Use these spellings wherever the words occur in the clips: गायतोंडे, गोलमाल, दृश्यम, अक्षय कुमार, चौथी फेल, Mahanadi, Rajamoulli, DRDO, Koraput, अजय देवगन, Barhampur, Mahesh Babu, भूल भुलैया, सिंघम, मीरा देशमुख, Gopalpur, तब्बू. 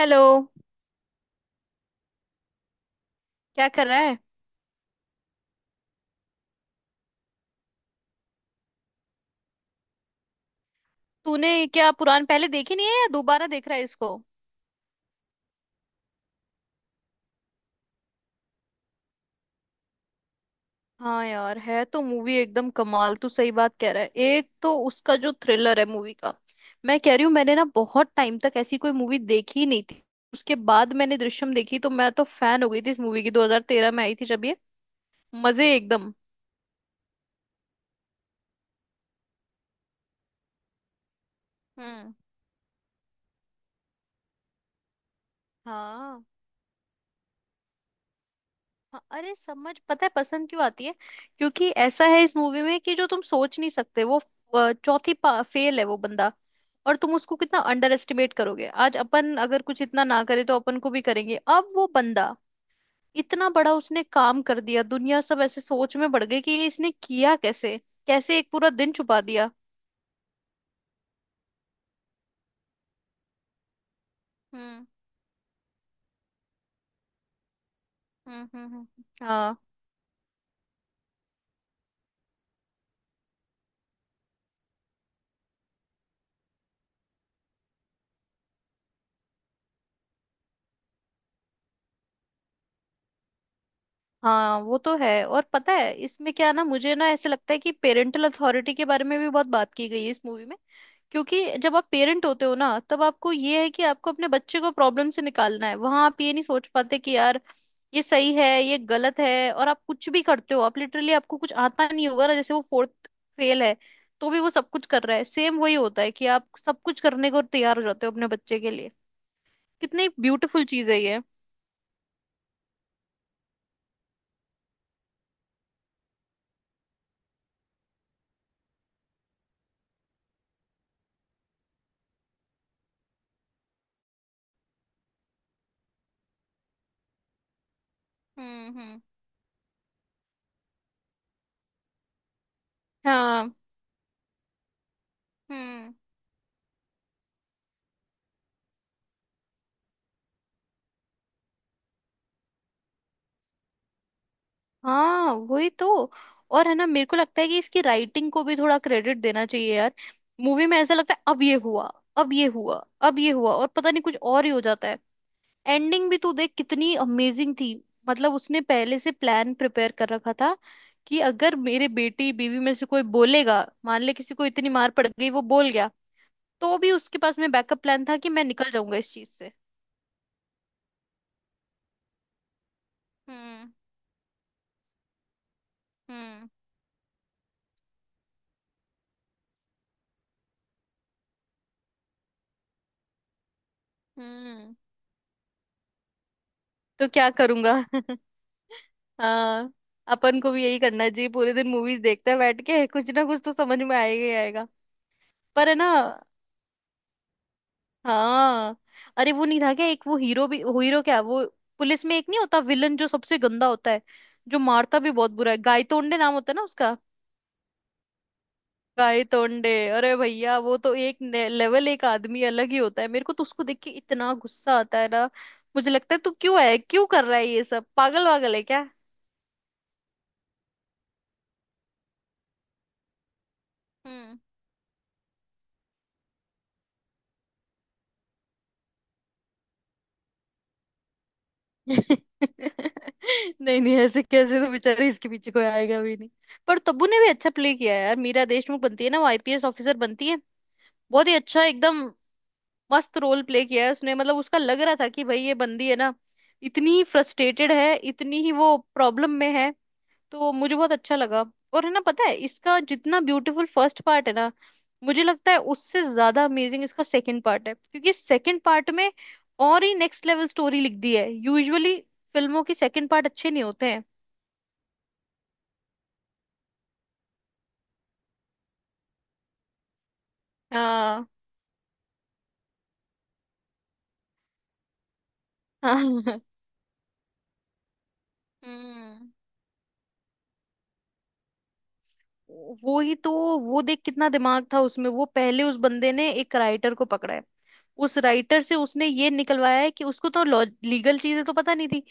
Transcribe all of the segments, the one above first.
Hello. क्या कर रहा है। तूने क्या पुरान पहले देखी नहीं है या दोबारा देख रहा है इसको। हाँ यार है तो मूवी एकदम कमाल। तू सही बात कह रहा है। एक तो उसका जो थ्रिलर है मूवी का। मैं कह रही हूँ मैंने ना बहुत टाइम तक ऐसी कोई मूवी देखी ही नहीं थी। उसके बाद मैंने दृश्यम देखी तो मैं तो फैन हो गई थी इस मूवी की। 2013 में आई थी जब ये। मजे एकदम। हम्म। हाँ। हाँ, अरे समझ पता है पसंद क्यों आती है। क्योंकि ऐसा है इस मूवी में कि जो तुम सोच नहीं सकते वो चौथी फेल है वो बंदा। और तुम उसको कितना अंडर एस्टिमेट करोगे। आज अपन अगर कुछ इतना ना करे तो अपन को भी करेंगे अब वो बंदा। इतना बड़ा उसने काम कर दिया। दुनिया सब ऐसे सोच में बढ़ गई कि ये इसने किया कैसे। कैसे एक पूरा दिन छुपा दिया। हम्म हम्म हम्म हम्म। हाँ। हाँ वो तो है। और पता है इसमें क्या ना मुझे ना ऐसे लगता है कि पेरेंटल अथॉरिटी के बारे में भी बहुत बात की गई है इस मूवी में। क्योंकि जब आप पेरेंट होते हो ना तब आपको ये है कि आपको अपने बच्चे को प्रॉब्लम से निकालना है। वहां आप ये नहीं सोच पाते कि यार ये सही है ये गलत है। और आप कुछ भी करते हो। आप लिटरली आपको कुछ आता नहीं होगा ना जैसे वो फोर्थ फेल है तो भी वो सब कुछ कर रहा है। सेम वही होता है कि आप सब कुछ करने को तैयार हो जाते हो अपने बच्चे के लिए। कितनी ब्यूटीफुल चीज है ये। हम्म। हाँ। हाँ वही तो। और है ना मेरे को लगता है कि इसकी राइटिंग को भी थोड़ा क्रेडिट देना चाहिए यार। मूवी में ऐसा लगता है अब ये हुआ। अब ये हुआ। अब ये हुआ और पता नहीं कुछ और ही हो जाता है। एंडिंग भी तू देख कितनी अमेजिंग थी। मतलब उसने पहले से प्लान प्रिपेयर कर रखा था कि अगर मेरे बेटी बीवी में से कोई बोलेगा मान ले किसी को इतनी मार पड़ गई वो बोल गया तो भी उसके पास में बैकअप प्लान था कि मैं निकल जाऊंगा इस चीज से। हम्म हम्म हम्म। तो क्या करूंगा हाँ। अपन को भी यही करना चाहिए। पूरे दिन मूवीज देखते हैं बैठ के कुछ ना कुछ तो समझ में आएगा ही आएगा। पर है ना। हाँ। अरे वो नहीं था क्या एक वो हीरो भी वो हीरो क्या वो पुलिस में एक नहीं होता विलन जो सबसे गंदा होता है। जो मारता भी बहुत बुरा है। गायतोंडे नाम होता है ना उसका। गायतोंडे। अरे भैया वो तो एक लेवल एक आदमी अलग ही होता है। मेरे को तो उसको देख के इतना गुस्सा आता है ना। मुझे लगता है तू क्यों है क्यों कर रहा है ये सब पागल वागल है क्या। हम्म। नहीं नहीं ऐसे कैसे। तो बेचारे इसके पीछे कोई आएगा भी नहीं। पर तब्बू ने भी अच्छा प्ले किया है यार। मीरा देशमुख बनती है ना वो आईपीएस ऑफिसर बनती है। बहुत ही अच्छा एकदम। मस्त रोल प्ले किया है उसने। मतलब उसका लग रहा था कि भाई ये बंदी है ना इतनी फ्रस्ट्रेटेड है इतनी ही वो प्रॉब्लम में है। तो मुझे बहुत अच्छा लगा। और है ना पता है इसका जितना ब्यूटीफुल फर्स्ट पार्ट है ना मुझे लगता है उससे ज्यादा अमेजिंग इसका सेकंड पार्ट है। क्योंकि सेकंड पार्ट में और ही नेक्स्ट लेवल स्टोरी लिख दी है। यूजुअली फिल्मों के सेकंड पार्ट अच्छे नहीं होते हैं। हाँ। हम्म। वो ही तो। वो देख कितना दिमाग था उसमें। वो पहले उस बंदे ने एक राइटर को पकड़ा है। उस राइटर से उसने ये निकलवाया है कि उसको तो लीगल चीजें तो पता नहीं थी।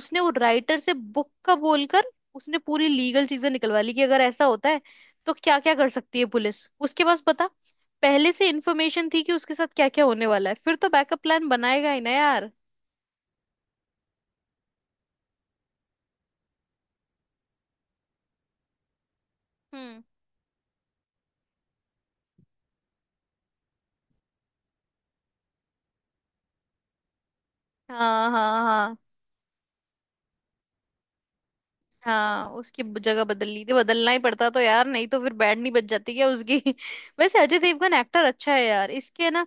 उसने वो राइटर से बुक का बोलकर उसने पूरी लीगल चीजें निकलवा ली कि अगर ऐसा होता है तो क्या क्या कर सकती है पुलिस उसके पास पता। पहले से इंफॉर्मेशन थी कि उसके साथ क्या क्या होने वाला है। फिर तो बैकअप प्लान बनाएगा ही ना यार। हम्म। हाँ हाँ हाँ। हाँ उसकी जगह बदल ली थी। बदलना ही पड़ता तो यार नहीं तो फिर बैंड नहीं बच जाती क्या उसकी वैसे अजय देवगन एक्टर अच्छा है यार इसके है ना।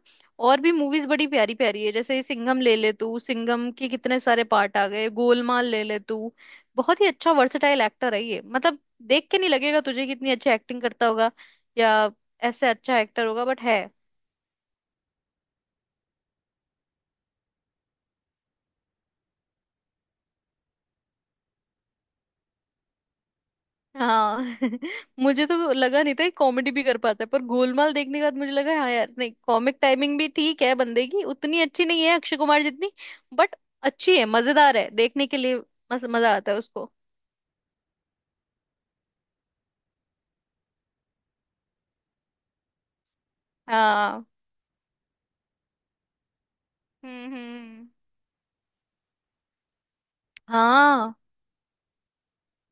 और भी मूवीज बड़ी प्यारी प्यारी है जैसे ये सिंघम ले ले तू। सिंघम के कितने सारे पार्ट आ गए। गोलमाल ले ले तू। बहुत ही अच्छा वर्सेटाइल एक्टर है ये मतलब। देख के नहीं लगेगा तुझे कितनी अच्छी एक्टिंग करता होगा या ऐसे अच्छा एक्टर होगा बट है। हाँ। मुझे तो लगा नहीं था कॉमेडी भी कर पाता है। पर गोलमाल देखने के बाद मुझे लगा हाँ यार नहीं कॉमिक टाइमिंग भी ठीक है बंदे की। उतनी अच्छी नहीं है अक्षय कुमार जितनी बट अच्छी है। मजेदार है देखने के लिए। मजा आता है उसको। हाँ। हम्म हम्म हम्म। हाँ।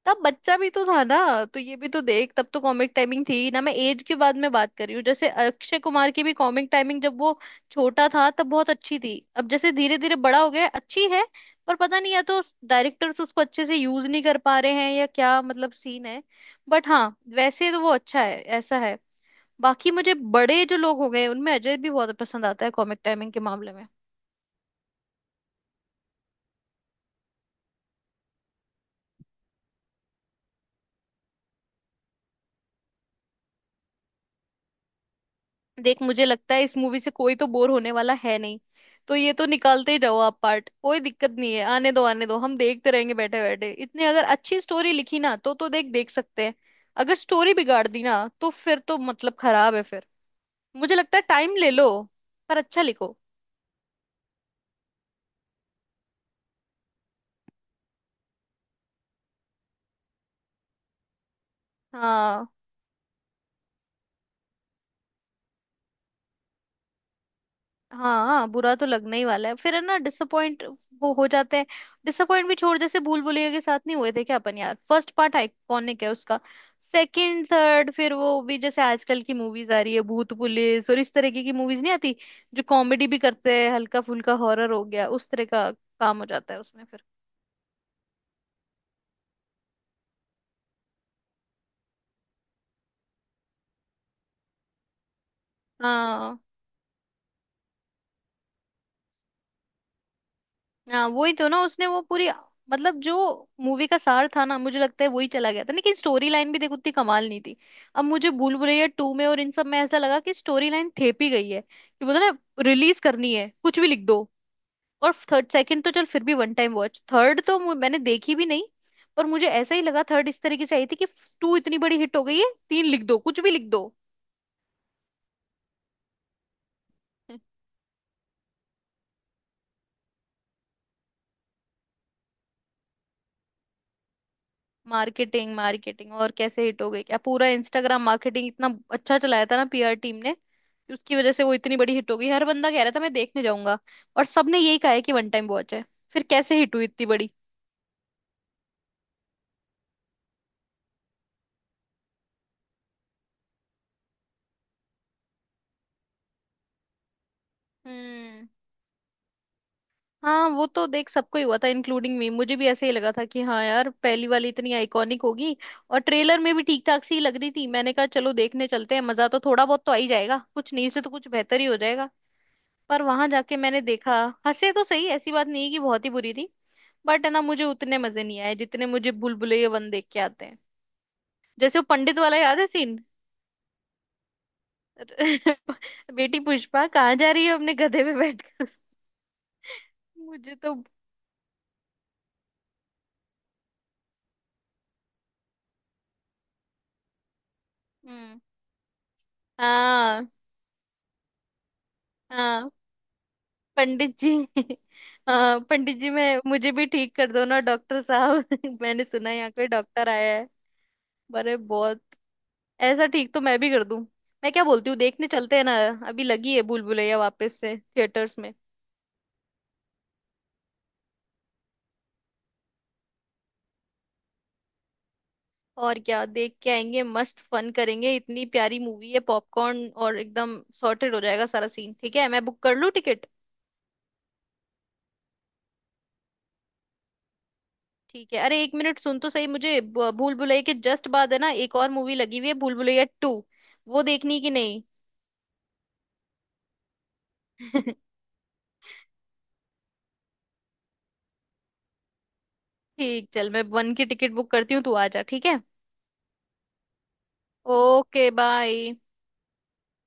तब बच्चा भी तो था ना तो ये भी तो देख। तब तो कॉमिक टाइमिंग थी ना। मैं एज के बाद में बात कर रही हूँ जैसे अक्षय कुमार की भी कॉमिक टाइमिंग जब वो छोटा था तब बहुत अच्छी थी। अब जैसे धीरे धीरे बड़ा हो गया अच्छी है पर पता नहीं या तो डायरेक्टर्स उसको अच्छे से यूज नहीं कर पा रहे हैं या क्या मतलब सीन है बट हाँ वैसे तो वो अच्छा है ऐसा है। बाकी मुझे बड़े जो लोग हो गए उनमें अजय भी बहुत पसंद आता है कॉमिक टाइमिंग के मामले में। देख मुझे लगता है इस मूवी से कोई तो बोर होने वाला है नहीं। तो ये तो निकालते ही जाओ आप पार्ट। कोई दिक्कत नहीं है आने दो आने दो। हम देखते रहेंगे बैठे बैठे। इतने अगर अच्छी स्टोरी लिखी ना तो देख देख सकते हैं। अगर स्टोरी बिगाड़ दी ना तो फिर तो मतलब खराब है फिर। मुझे लगता है टाइम ले लो पर अच्छा लिखो। हाँ। हाँ हाँ, बुरा तो लगना ही वाला है फिर है ना डिसअपॉइंट वो हो जाते हैं। डिसअपॉइंट भी छोड़। जैसे भूल भुलैया के साथ नहीं हुए थे क्या अपन यार। फर्स्ट पार्ट आइकॉनिक है उसका। सेकंड थर्ड फिर वो भी जैसे आजकल की मूवीज आ रही है भूत पुलिस और इस तरीके की। मूवीज नहीं आती जो कॉमेडी भी करते हैं हल्का फुल्का हॉरर हो गया उस तरह का काम हो जाता है उसमें फिर। हाँ। हाँ वही तो ना। उसने वो पूरी मतलब जो मूवी का सार था ना मुझे लगता है वही चला गया था। लेकिन स्टोरी लाइन भी देखो उतनी कमाल नहीं थी। अब मुझे भूल भुलैया टू में और इन सब में ऐसा लगा कि स्टोरी लाइन थेपी गई है। कि बोलते हैं ना रिलीज करनी है कुछ भी लिख दो। और थर्ड सेकंड तो चल फिर भी वन टाइम वॉच। थर्ड तो मैंने देखी भी नहीं। पर मुझे ऐसा ही लगा थर्ड इस तरीके से आई थी कि टू इतनी बड़ी हिट हो गई है तीन लिख दो कुछ भी लिख दो। मार्केटिंग मार्केटिंग और कैसे हिट हो गई क्या। पूरा इंस्टाग्राम मार्केटिंग इतना अच्छा चलाया था ना पीआर टीम ने कि उसकी वजह से वो इतनी बड़ी हिट हो गई। हर बंदा कह रहा था मैं देखने जाऊंगा और सबने यही कहा है कि वन टाइम वॉच है। फिर कैसे हिट हुई इतनी बड़ी। हम्म। हाँ वो तो देख सबको ही हुआ था इंक्लूडिंग मी। मुझे भी ऐसे ही लगा था कि हाँ यार पहली वाली इतनी आइकॉनिक होगी और ट्रेलर में भी ठीक ठाक सी ही लग रही थी। मैंने कहा चलो देखने चलते हैं मजा तो थोड़ा बहुत तो आ ही जाएगा कुछ नहीं से तो कुछ बेहतर ही हो जाएगा। पर वहां जाके मैंने देखा हंसे तो सही। ऐसी बात नहीं है कि बहुत ही बुरी थी। बट है ना मुझे उतने मजे नहीं आए जितने मुझे भूलभुलैया वन देख के आते हैं। जैसे वो पंडित वाला याद है सीन। बेटी पुष्पा कहाँ जा रही है अपने गधे पे बैठकर। मुझे तो। हम्म। हाँ। हाँ पंडित जी। हाँ पंडित जी मैं मुझे भी ठीक कर दो ना डॉक्टर साहब। मैंने सुना है यहाँ कोई डॉक्टर आया है। अरे बहुत। ऐसा ठीक तो मैं भी कर दूं। मैं क्या बोलती हूँ देखने चलते हैं ना। अभी लगी है भूल भुलैया वापस से थिएटर्स में। और क्या देख के आएंगे मस्त फन करेंगे इतनी प्यारी मूवी है। पॉपकॉर्न और एकदम सॉर्टेड हो जाएगा सारा सीन। ठीक है मैं बुक कर लूँ टिकट। ठीक है अरे एक मिनट सुन तो सही। मुझे भूल भुलैया के जस्ट बाद है ना एक और मूवी लगी हुई है भूल भुलैया टू। वो देखनी कि नहीं। ठीक चल मैं वन की टिकट बुक करती हूँ तू आ जा। ठीक है ओके बाय।